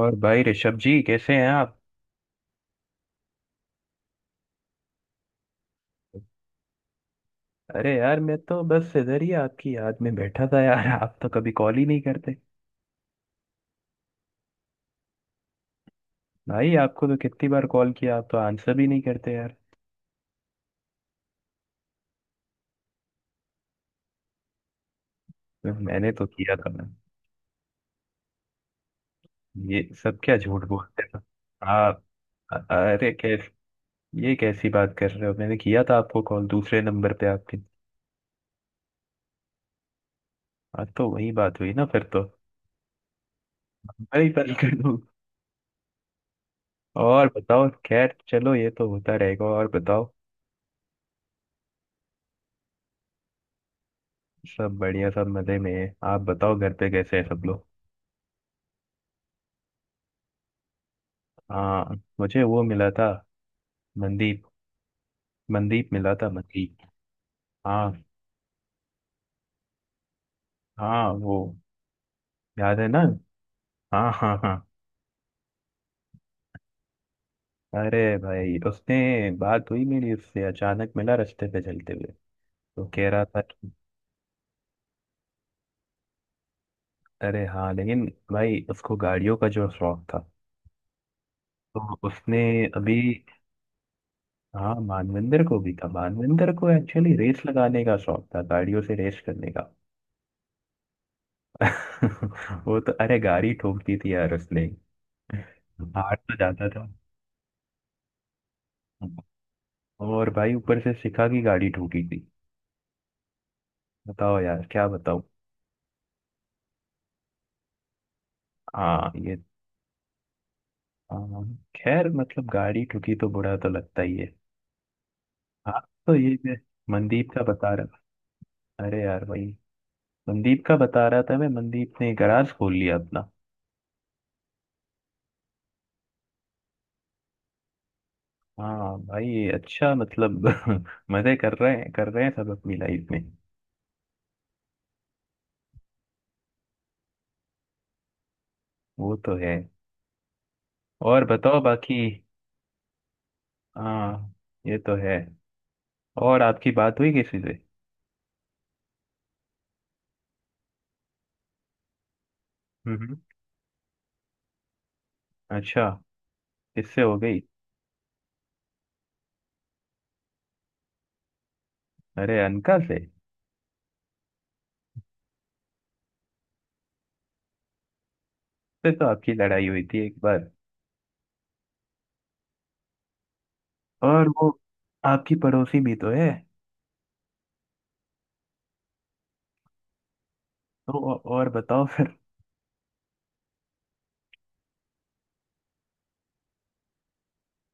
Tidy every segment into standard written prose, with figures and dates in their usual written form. और भाई ऋषभ जी, कैसे हैं आप। अरे यार, मैं तो बस इधर ही आपकी याद में बैठा था यार। आप तो कभी कॉल ही नहीं करते। भाई, आपको तो कितनी बार कॉल किया, आप तो आंसर भी नहीं करते यार। तो मैंने तो किया था ना। ये सब क्या झूठ बोलते हो? आप अ- अरे कैस ये कैसी बात कर रहे हो? मैंने किया था आपको कॉल, दूसरे नंबर पे आपके। आज तो वही बात हुई ना फिर तो। मैं ही कॉल कर दूँ। और बताओ। खैर चलो, ये तो होता रहेगा। और बताओ। सब बढ़िया, सब मजे में है। आप बताओ, घर पे कैसे हैं सब लोग। हाँ, मुझे वो मिला था। मनदीप। मनदीप मिला था, मनदीप। हाँ। हाँ वो, याद है ना। हाँ, हाँ, हाँ। अरे भाई, उसने, बात हुई मेरी उससे, अचानक मिला रास्ते पे चलते हुए। तो कह रहा था कि, अरे हाँ लेकिन, भाई उसको गाड़ियों का जो शौक था, तो उसने, अभी। हाँ, मानविंदर को भी था। मानविंदर को एक्चुअली रेस लगाने का शौक था, गाड़ियों से रेस करने का। वो तो, अरे गाड़ी ठोकती थी यार उसने। हार तो जाता था। और भाई, ऊपर से शिखा की गाड़ी ठोकी थी। बताओ यार, क्या बताओ। हाँ ये, हाँ। खैर, मतलब गाड़ी ठुकी तो बुरा तो लगता ही है। हाँ। तो ये मैं मनदीप का बता रहा। अरे यार भाई, मनदीप का बता रहा था मैं, मनदीप ने गराज खोल लिया अपना। हाँ भाई, अच्छा मतलब। मजे कर रहे हैं, कर रहे हैं सब अपनी लाइफ में। वो तो है। और बताओ बाकी। हाँ ये तो है। और आपकी बात हुई किसी से? हम्म। अच्छा, किससे हो गई? अरे, अनका से? से तो आपकी लड़ाई हुई थी एक बार। और वो, आपकी पड़ोसी भी तो है। तो और बताओ फिर।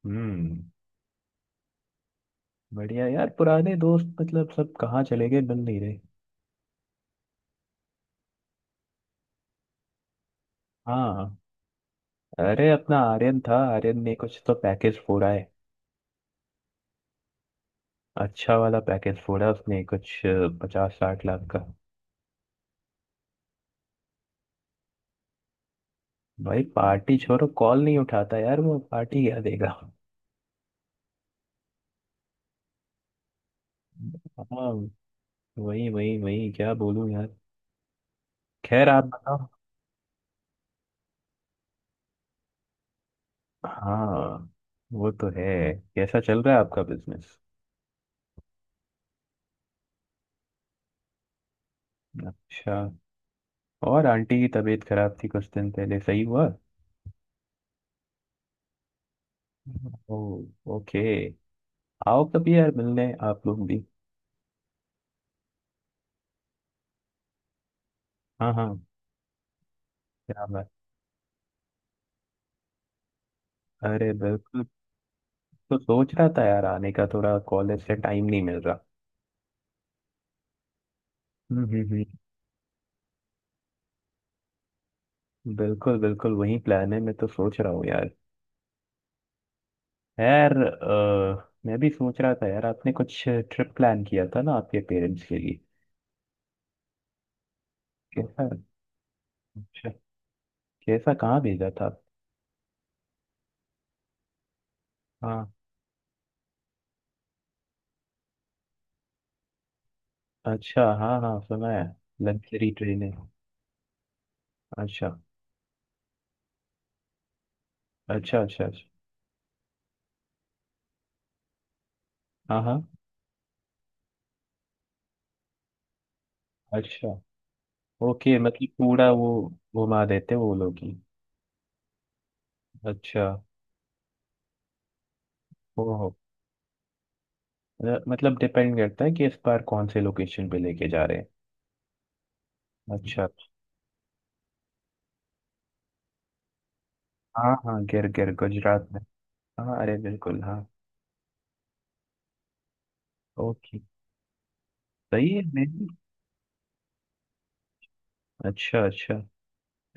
हम्म। बढ़िया यार, पुराने दोस्त मतलब सब कहाँ चले गए, मिल नहीं रहे। हाँ। अरे, अपना आर्यन था, आर्यन ने कुछ तो पैकेज फोड़ा है। अच्छा वाला पैकेज फोड़ा उसने कुछ, 50-60 लाख का। भाई, पार्टी छोड़ो, कॉल नहीं उठाता यार वो, पार्टी क्या देगा। हाँ, वही वही वही, क्या बोलूं यार। खैर, आप बताओ। हाँ वो तो है। कैसा चल रहा है आपका बिजनेस? अच्छा। और आंटी की तबीयत खराब थी कुछ दिन पहले, सही हुआ? ओ, ओके। आओ कभी यार मिलने, आप लोग भी। हाँ हाँ। क्या बात। अरे बिल्कुल। तो सोच रहा था यार आने का, थोड़ा कॉलेज से टाइम नहीं मिल रहा। हम्म। बिल्कुल बिल्कुल वही प्लान है, मैं तो सोच रहा हूँ यार। यार मैं भी सोच रहा था यार, आपने कुछ ट्रिप प्लान किया था ना आपके पेरेंट्स के लिए। कैसा। अच्छा, कैसा, कहाँ भेजा था? हाँ, अच्छा, हाँ हाँ सुना है। लग्जरी ट्रेन है। अच्छा अच्छा अच्छा। अच्छा। हाँ हाँ। अच्छा, ओके, मतलब पूरा वो घुमा देते वो लोग ही? अच्छा। ओहो, मतलब डिपेंड करता है कि इस बार कौन से लोकेशन पे लेके जा रहे हैं। अच्छा। हाँ हाँ, गिर, गिर गुजरात में। हाँ, अरे बिल्कुल हाँ। ओके, सही है। मैं, अच्छा अच्छा,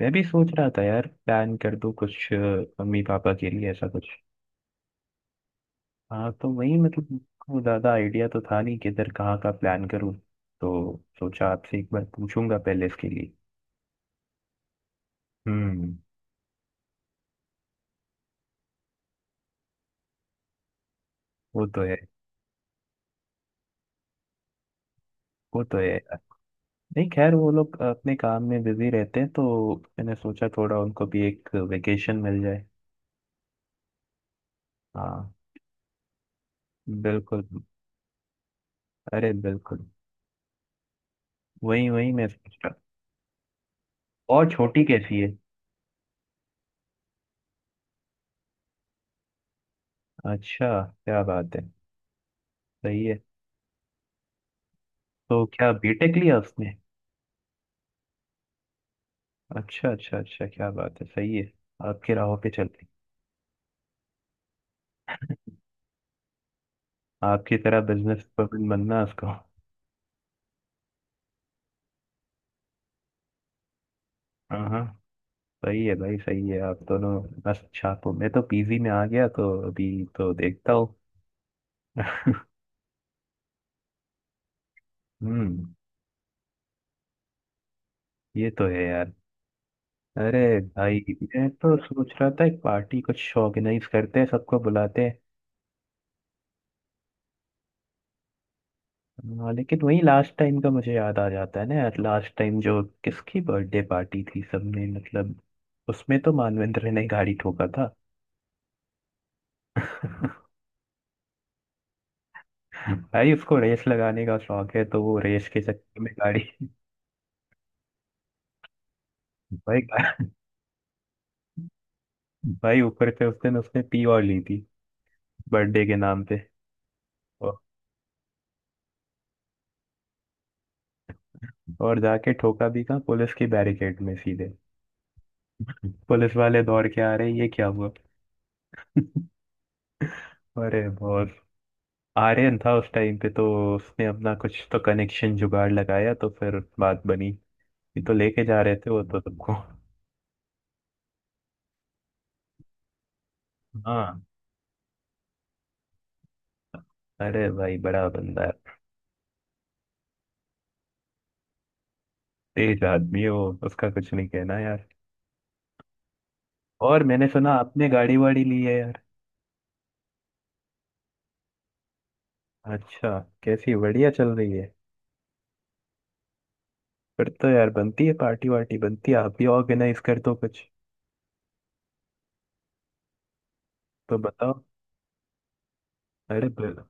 मैं भी सोच रहा था यार, प्लान कर दूं कुछ मम्मी पापा के लिए ऐसा कुछ। हाँ तो वही मतलब, मुझको ज़्यादा आइडिया तो था नहीं किधर, कहाँ का प्लान करूँ। तो सोचा आपसे एक बार पूछूंगा पहले इसके लिए। हम्म। वो तो है। वो तो है यार। नहीं खैर, वो लोग अपने काम में बिजी रहते हैं तो मैंने सोचा थोड़ा उनको भी एक वेकेशन मिल जाए। हाँ। बिल्कुल। अरे बिल्कुल। वही वही मैं सोच रहा। और छोटी कैसी है? अच्छा, क्या बात है, सही है। तो क्या बीटेक लिया उसने? अच्छा अच्छा अच्छा, क्या बात है, सही है। आपके राहों पे चलती। आपकी तरह बिजनेस बनना उसको, हाँ। हाँ, सही है भाई, सही है आप दोनों। मस्त छापो, मैं तो पीजी में आ गया तो अभी तो देखता हूँ। हम्म। ये तो है यार। अरे भाई, मैं तो सोच रहा था एक पार्टी कुछ ऑर्गेनाइज करते हैं, सबको बुलाते हैं। हाँ लेकिन वही लास्ट टाइम का मुझे याद आ जाता है ना यार, लास्ट टाइम जो किसकी बर्थडे पार्टी थी, सबने मतलब, उसमें तो मानवेंद्र ने गाड़ी ठोका था। भाई, उसको रेस लगाने का शौक है तो वो रेस के चक्कर में गाड़ी। भाई, भाई ऊपर से उस दिन उसने पी और ली थी बर्थडे के नाम पे। और, और जाके ठोका भी कहाँ, पुलिस की बैरिकेड में सीधे। पुलिस वाले दौड़ के आ रहे, ये क्या हुआ। अरे बहुत, आर्यन था उस टाइम पे तो, उसने अपना कुछ तो कनेक्शन जुगाड़ लगाया तो फिर बात बनी। ये तो लेके जा रहे थे वो तो सबको। हाँ। अरे भाई, बड़ा बंदा है। तेज आदमी है वो, उसका कुछ नहीं कहना यार। और मैंने सुना आपने गाड़ी वाड़ी ली है यार। अच्छा, कैसी, बढ़िया चल रही है? फिर तो यार बनती है पार्टी वार्टी, बनती है, आप भी ऑर्गेनाइज कर दो कुछ। तो बताओ। अरे ब-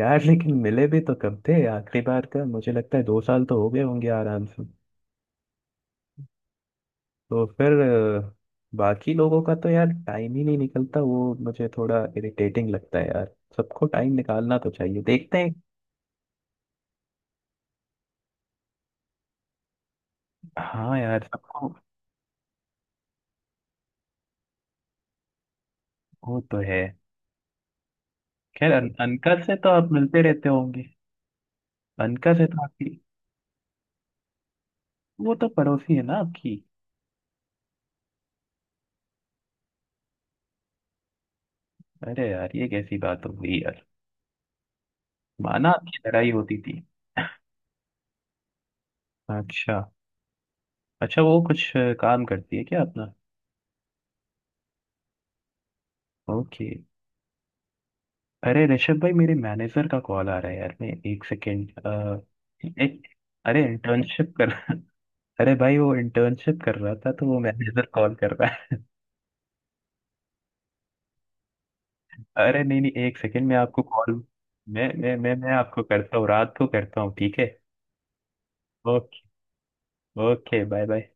यार लेकिन मिले भी तो कब थे? आखिरी बार का मुझे लगता है 2 साल तो हो गए होंगे आराम से। तो फिर, अ, बाकी लोगों का तो यार टाइम ही नहीं निकलता, वो मुझे थोड़ा इरिटेटिंग लगता है यार। सबको टाइम निकालना तो चाहिए, देखते हैं। हाँ यार सबको। वो तो है। खैर अनका से तो आप मिलते रहते होंगे। अनका से तो आपकी, वो तो पड़ोसी है ना आपकी। अरे यार, ये कैसी बात हो गई यार। माना आपकी लड़ाई होती थी। अच्छा। अच्छा, वो कुछ काम करती है क्या अपना? ओके। अरे ऋषभ भाई, मेरे मैनेजर का कॉल आ रहा है यार, मैं एक सेकेंड, एक, अरे इंटर्नशिप कर। अरे भाई, वो इंटर्नशिप कर रहा था तो वो मैनेजर कॉल कर रहा है। अरे नहीं नहीं, एक सेकेंड, मैं आपको कॉल, मैं आपको करता हूँ, रात को करता हूँ, ठीक है। ओके। Okay, bye bye.